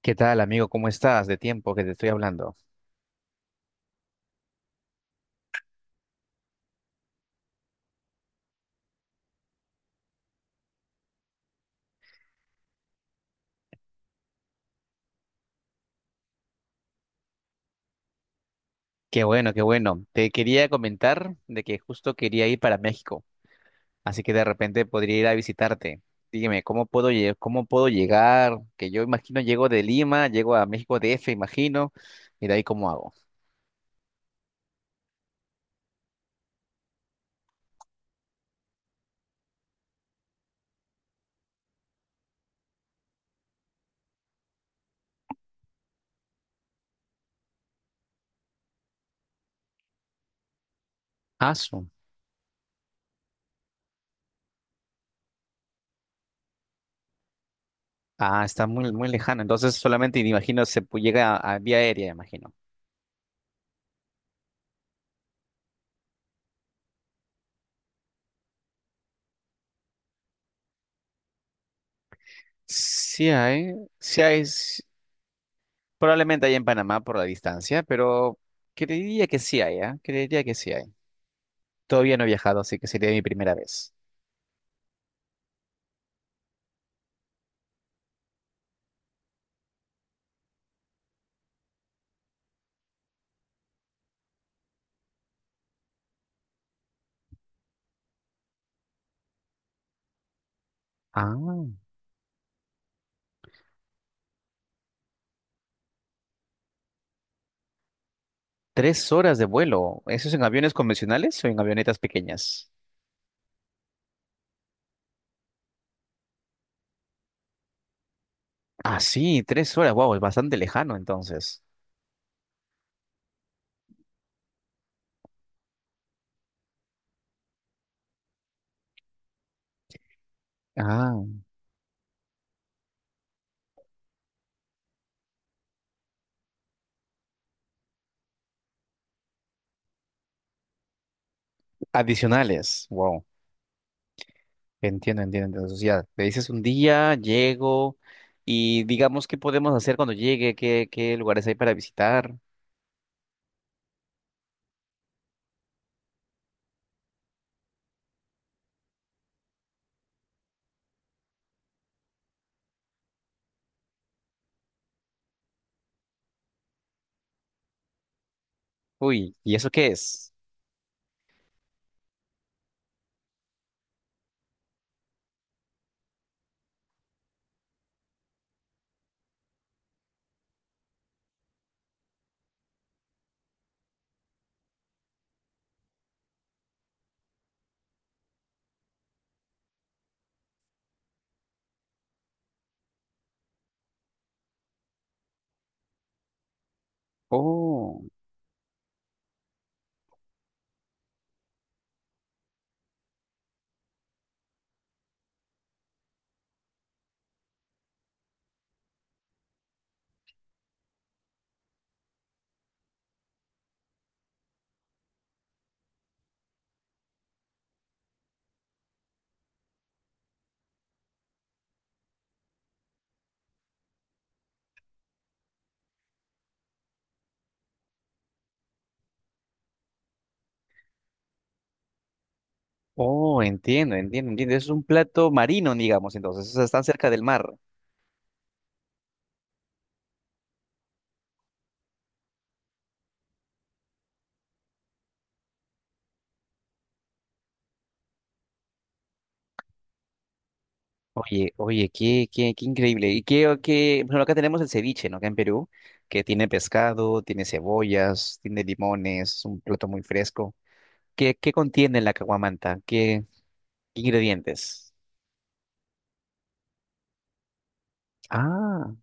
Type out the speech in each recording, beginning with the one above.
¿Qué tal, amigo? ¿Cómo estás? De tiempo que te estoy hablando. Qué bueno, qué bueno. Te quería comentar de que justo quería ir para México, así que de repente podría ir a visitarte. Dígame, ¿cómo puedo llegar? Que yo imagino llego de Lima, llego a México DF, imagino, y de ahí cómo hago. Ah, su- ah, está muy, muy lejano. Entonces solamente imagino llega a vía aérea, imagino. Sí hay, probablemente hay en Panamá por la distancia, pero creería que sí hay, ¿ah? Creería que sí hay. Todavía no he viajado, así que sería mi primera vez. Ah, tres horas de vuelo. ¿Eso es en aviones convencionales o en avionetas pequeñas? Ah, sí, tres horas. Wow, es bastante lejano entonces. Ah, adicionales. Wow, entiendo, entiendo. Entonces ya, te dices un día, llego y digamos qué podemos hacer cuando llegue, qué, qué lugares hay para visitar. Uy, ¿y eso qué es? Oh, oh, entiendo, entiendo, entiendo. Es un plato marino, digamos, entonces, o sea, están cerca del mar. Oye, oye, qué, qué, qué increíble. Y qué, qué, bueno, acá tenemos el ceviche, ¿no? Acá en Perú, que tiene pescado, tiene cebollas, tiene limones, un plato muy fresco. ¿Qué, qué contiene la caguamanta? ¿Qué, qué ingredientes? Ah,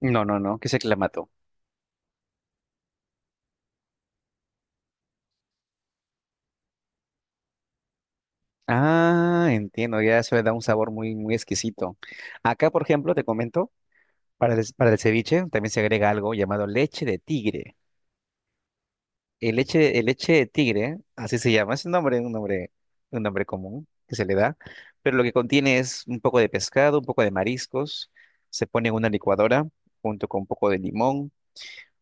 no, no, no, que es el clamato. Ah, entiendo, ya eso le da un sabor muy, muy exquisito. Acá, por ejemplo, te comento, para el ceviche también se agrega algo llamado leche de tigre. El leche de tigre, así se llama, es un nombre, un nombre común que se le da, pero lo que contiene es un poco de pescado, un poco de mariscos, se pone en una licuadora junto con un poco de limón,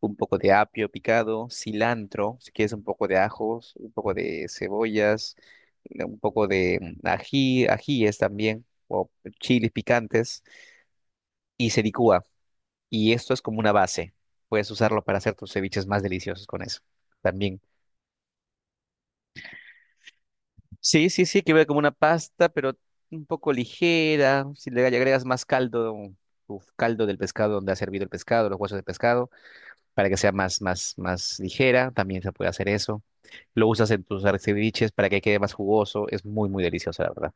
un poco de apio picado, cilantro, si quieres un poco de ajos, un poco de cebollas, un poco de mm, ají, ajíes también, o chiles picantes, y se licúa. Y esto es como una base. Puedes usarlo para hacer tus ceviches más deliciosos con eso. También. Sí, sí, sí, que ve como una pasta, pero un poco ligera. Si le agregas más caldo, tu caldo del pescado donde ha servido el pescado, los huesos de pescado, para que sea más, más, más ligera, también se puede hacer eso. Lo usas en tus ceviches para que quede más jugoso. Es muy, muy delicioso, la verdad.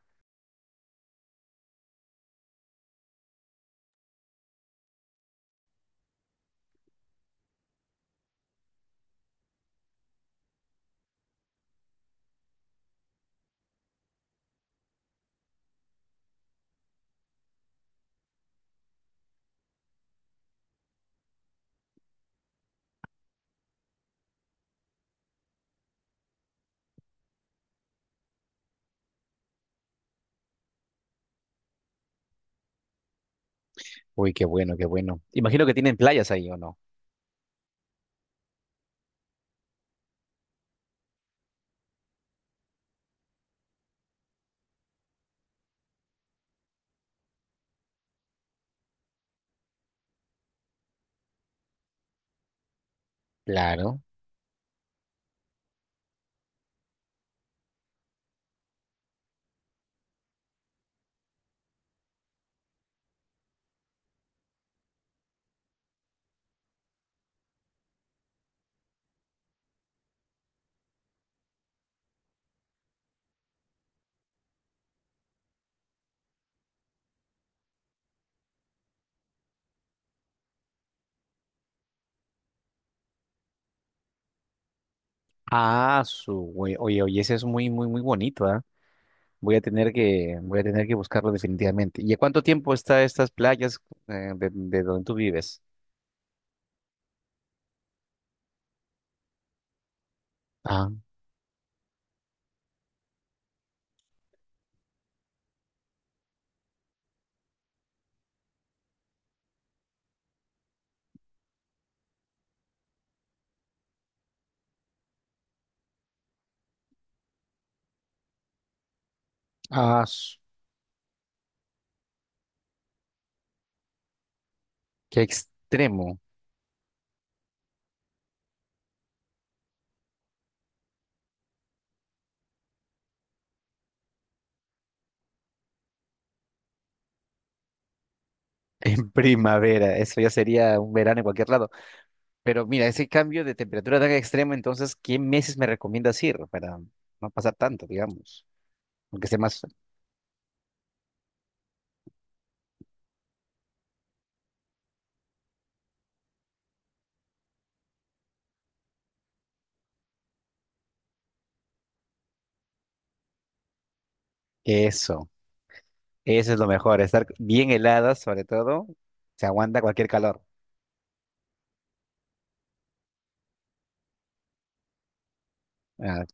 Uy, qué bueno, qué bueno. Imagino que tienen playas ahí, ¿o no? Claro. Ah, su, güey. Oye, oye, ese es muy, muy, muy bonito, ¿ah? Voy a tener que buscarlo definitivamente. ¿Y a cuánto tiempo está estas playas de donde tú vives? Ah, ah, s- qué extremo. En primavera, eso ya sería un verano en cualquier lado. Pero mira, ese cambio de temperatura tan extremo, entonces, ¿qué meses me recomiendas ir para no pasar tanto, digamos? Aunque sea más... Eso, eso es lo mejor, estar bien helada sobre todo, se aguanta cualquier calor. Ah,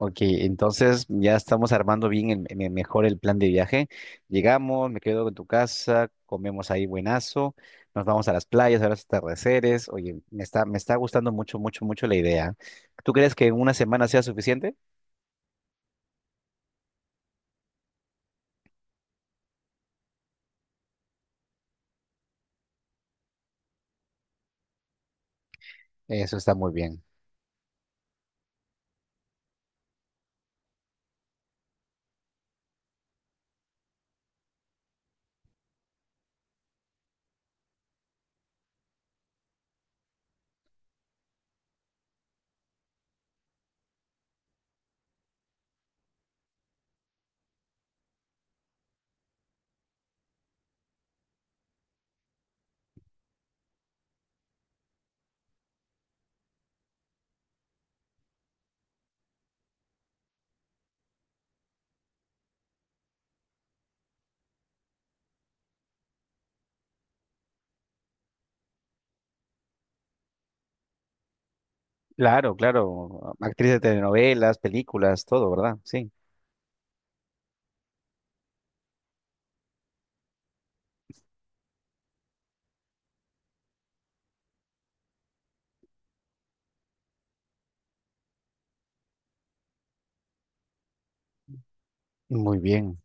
Ok, entonces ya estamos armando bien el mejor el plan de viaje. Llegamos, me quedo en tu casa, comemos ahí buenazo, nos vamos a las playas, a los atardeceres. Oye, me está gustando mucho, mucho, mucho la idea. ¿Tú crees que una semana sea suficiente? Eso está muy bien. Claro, claro. Actriz de telenovelas, películas, todo, ¿verdad? Sí. Muy bien.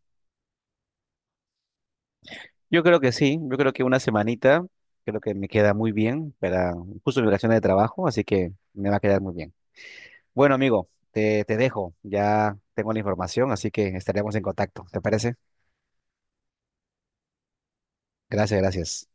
Yo creo que sí, yo creo que una semanita, creo que me queda muy bien para justo mi vacaciones de trabajo, así que me va a quedar muy bien. Bueno, amigo, te dejo. Ya tengo la información, así que estaremos en contacto. ¿Te parece? Gracias, gracias.